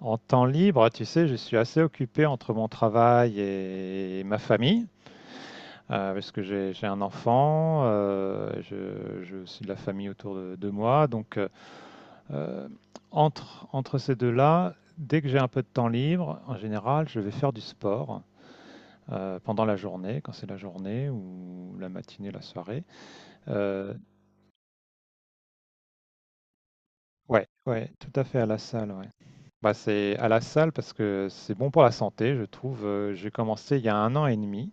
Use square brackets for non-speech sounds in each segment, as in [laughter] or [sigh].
En temps libre, tu sais, je suis assez occupé entre mon travail et ma famille, parce que j'ai un enfant, je suis de la famille autour de moi. Donc, euh, entre ces deux-là, dès que j'ai un peu de temps libre, en général, je vais faire du sport pendant la journée, quand c'est la journée ou la matinée, la soirée. Euh, ouais, ouais, tout à fait à la salle, ouais. Bah, c'est à la salle parce que c'est bon pour la santé, je trouve. J'ai commencé il y a un an et demi.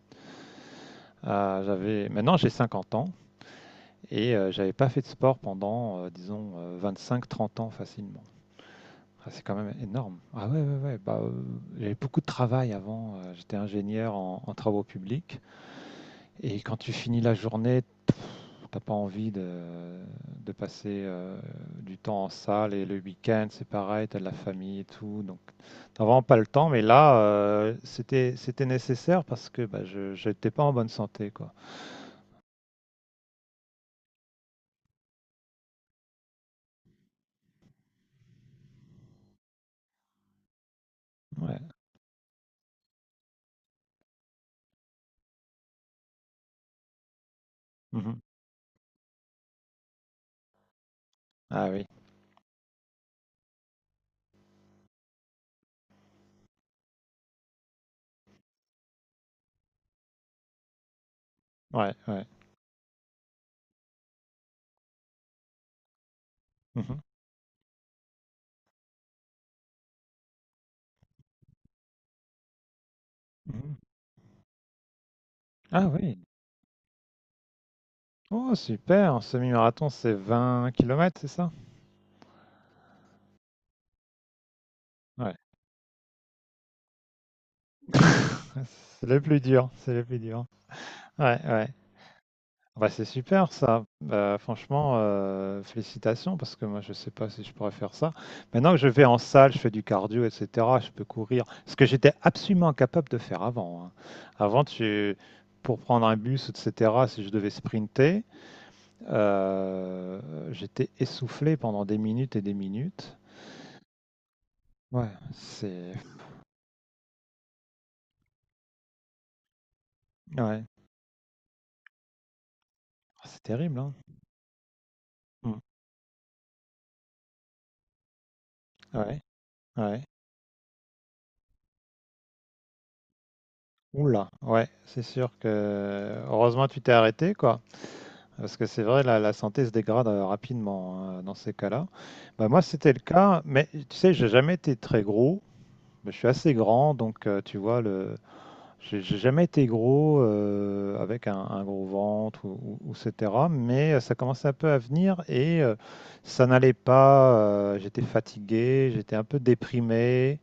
Maintenant j'ai 50 ans et j'avais pas fait de sport pendant, disons, 25-30 ans facilement. Ah, c'est quand même énorme. Ah ouais, ouais, ouais. Bah, j'avais beaucoup de travail avant. J'étais ingénieur en travaux publics. Et quand tu finis la journée, t'as pas envie de passer du temps en salle. Et le week-end, c'est pareil, t'as de la famille et tout. Donc, t'as vraiment pas le temps. Mais là, c'était nécessaire parce que bah, j'étais pas en bonne santé, quoi. Ouais. Mhm. Ah oui. Ouais, ouais. Mhm, mhm. Ah oui. Oh, super. Un semi-marathon, c'est 20 kilomètres, c'est ça? Ouais. Ouais, c'est le plus dur. C'est le plus dur. Ouais, ouais. Ah bah, c'est super ça. Bah, franchement, félicitations parce que moi, je sais pas si je pourrais faire ça. Maintenant que je vais en salle, je fais du cardio, etc. Je peux courir. Ce que j'étais absolument incapable de faire avant, hein. Avant, tu... pour prendre un bus, etc., si je devais sprinter, euh, j'étais essoufflé pendant des minutes et des minutes. Ouais, c'est ouais, c'est terrible, hein. Mm. Ouais, ouais. Oula, ouais, c'est sûr que heureusement tu t'es arrêté quoi, parce que c'est vrai la santé se dégrade rapidement hein, dans ces cas-là. Bah, moi c'était le cas, mais tu sais j'ai jamais été très gros, mais je suis assez grand donc tu vois le, j'ai jamais été gros avec un gros ventre ou etc. Mais ça commençait un peu à venir et ça n'allait pas. J'étais fatigué, j'étais un peu déprimé,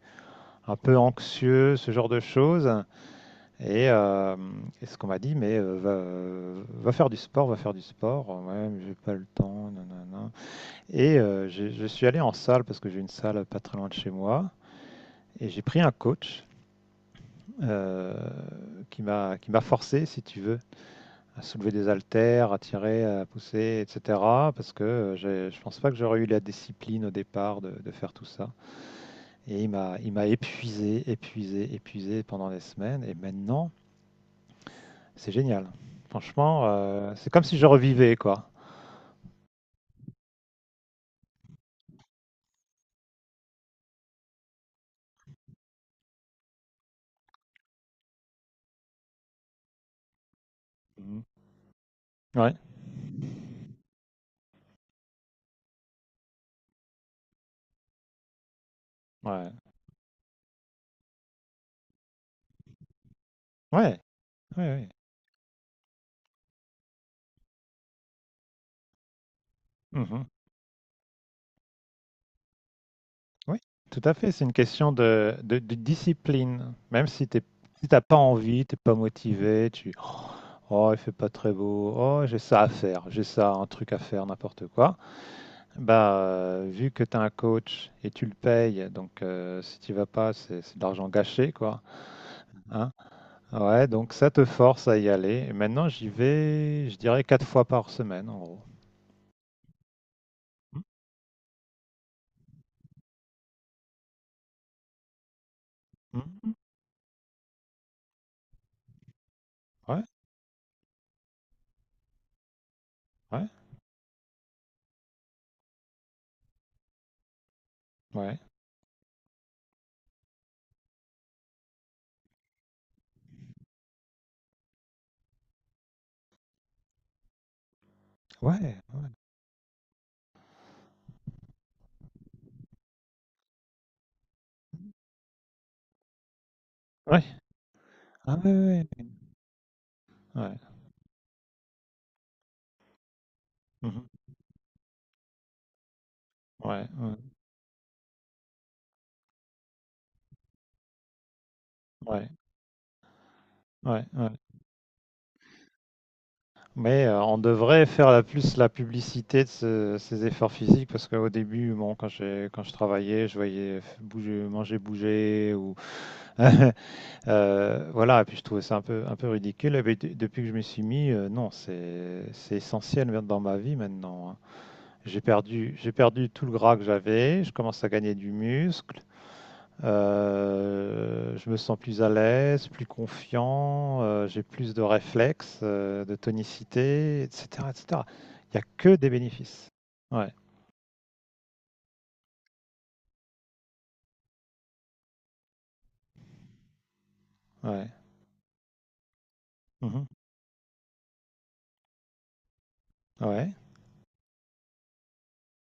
un peu anxieux, ce genre de choses. Et, euh, et ce qu'on m'a dit, mais va faire du sport, va faire du sport. Ouais, mais j'ai pas le temps, nanana. Et je suis allé en salle parce que j'ai une salle pas très loin de chez moi. Et j'ai pris un coach euh, qui m'a forcé, si tu veux, à soulever des haltères, à tirer, à pousser, etc. Parce que je pense pas que j'aurais eu la discipline au départ de faire tout ça. Et il m'a épuisé, épuisé, épuisé pendant des semaines. Et maintenant, c'est génial. Franchement, c'est comme si je revivais, quoi. Mhm. Ouais. Ouais. Ouais. Ouais, ouais. Mhm. Oui, tout à fait. C'est une question de, de discipline. Même si t'es, si t'as pas envie, t'es pas motivé, tu, oh, il fait pas très beau, oh, j'ai ça à faire, j'ai ça, un truc à faire, n'importe quoi. Bah, vu que t'as un coach et tu le payes, donc si tu vas pas, c'est de l'argent gâché, quoi, hein. Ouais, donc ça te force à y aller. Et maintenant, j'y vais, je dirais, quatre fois par semaine, en gros. Mm, mm, mm. Ouais, ouais, ouais, ouais, ouais, ouais, ah ouais, ouais, ouais, ouais, mhm, ouais, ouais, ouais, ouais, ouais. Mais on devrait faire la plus la publicité de ces efforts physiques parce qu'au début, bon, quand j'ai quand je travaillais, je voyais bouger, manger, bouger ou [laughs] voilà, et puis je trouvais ça un peu ridicule. Et puis, depuis que je me suis mis, non, c'est essentiel même dans ma vie maintenant, hein. J'ai perdu tout le gras que j'avais, je commence à gagner du muscle, je me sens plus à l'aise, plus confiant, j'ai plus de réflexes, de tonicité, etc., etc. Il n'y a que des bénéfices. Ouais, ouais, mhm, ouais,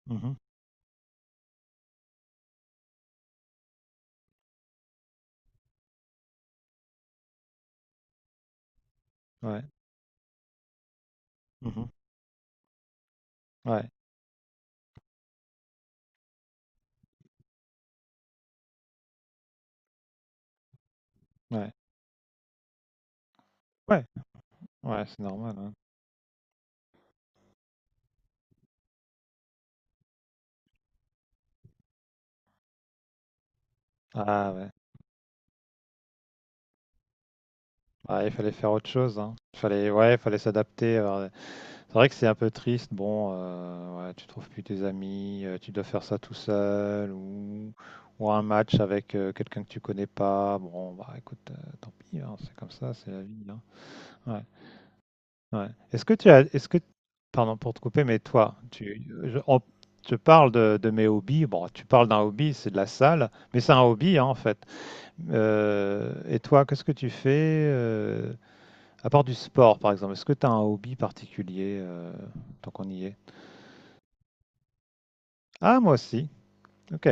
mhm, ouais, mhm, ouais, ouais, ouais, ouais, c'est normal, hein. Ah ouais. Ouais, il fallait faire autre chose, hein. Il fallait, ouais, il fallait s'adapter. Alors, c'est vrai que c'est un peu triste. Bon, ouais, tu trouves plus tes amis, tu dois faire ça tout seul ou un match avec quelqu'un que tu connais pas. Bon, bah écoute, tant pis, hein, c'est comme ça, c'est la vie, hein. Ouais, ouais. Est-ce que tu as, est-ce que, Pardon pour te couper, mais toi, je parle de mes hobbies. Bon, tu parles d'un hobby, c'est de la salle, mais c'est un hobby hein, en fait. Et toi, qu'est-ce que tu fais? euh, à part du sport, par exemple, est-ce que tu as un hobby particulier tant qu'on y est? Ah, moi aussi. Ok.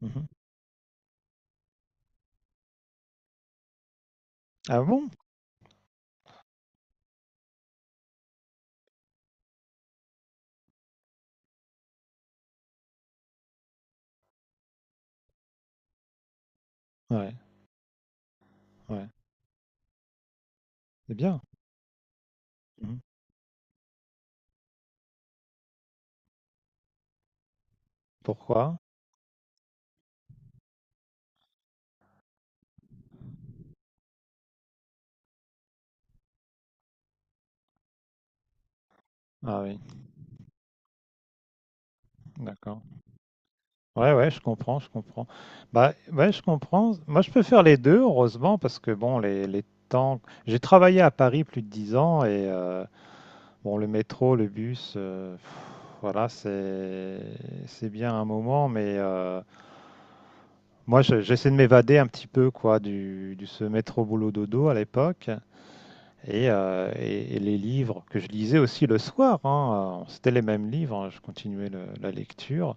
Mhm. Ah bon? Ouais, ouais. C'est bien. Mhm. Pourquoi? Ah oui, d'accord. Ouais, ouais, je comprends, je comprends. Bah, ouais, je comprends. Moi, je peux faire les deux, heureusement, parce que bon, les temps. J'ai travaillé à Paris plus de 10 ans et bon, le métro, le bus, voilà, c'est bien un moment, mais moi, j'essaie de m'évader un petit peu quoi du se mettre au boulot dodo à l'époque et, et les livres que je lisais aussi le soir, hein, c'était les mêmes livres, hein, je continuais la lecture.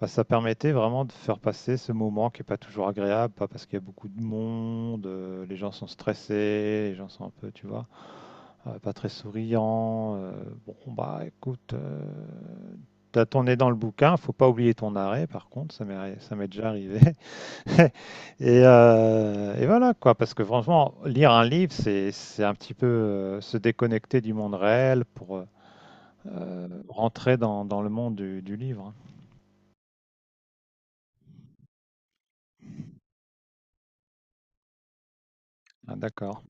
Bah, ça permettait vraiment de faire passer ce moment qui est pas toujours agréable, pas parce qu'il y a beaucoup de monde, les gens sont stressés, les gens sont un peu, tu vois, pas très souriants. Bon, bah, écoute. T'as ton nez dans le bouquin, faut pas oublier ton arrêt, par contre, ça m'est déjà arrivé. [laughs] Et voilà quoi, parce que franchement, lire un livre, c'est un petit peu se déconnecter du monde réel pour rentrer dans le monde du livre, hein. Ah, d'accord.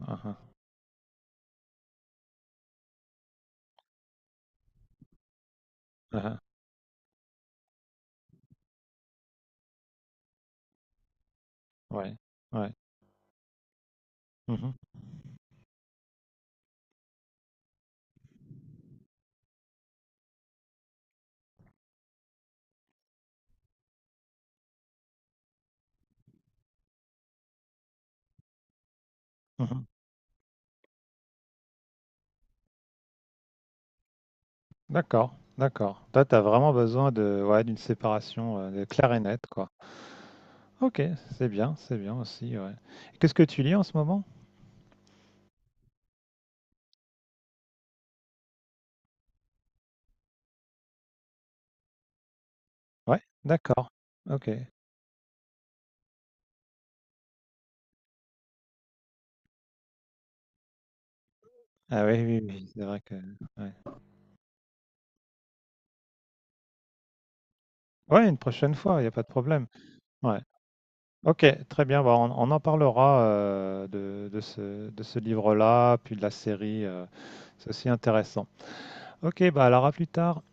Ah, ah, ah, ah. Ouais, ouais. Mhm, mhm. D'accord, d'accord. Toi, t'as vraiment besoin de, ouais, d'une séparation de claire et nette, quoi. Ok, c'est bien aussi, ouais. Et qu'est-ce que tu lis en ce moment? Ouais, d'accord. Ok. Ah oui, oui, oui, c'est vrai que. Ouais, ouais, une prochaine fois, il n'y a pas de problème. Ouais. Ok, très bien. Bah, on en parlera de ce livre-là, puis de la série. C'est aussi intéressant. Ok, bah alors à plus tard.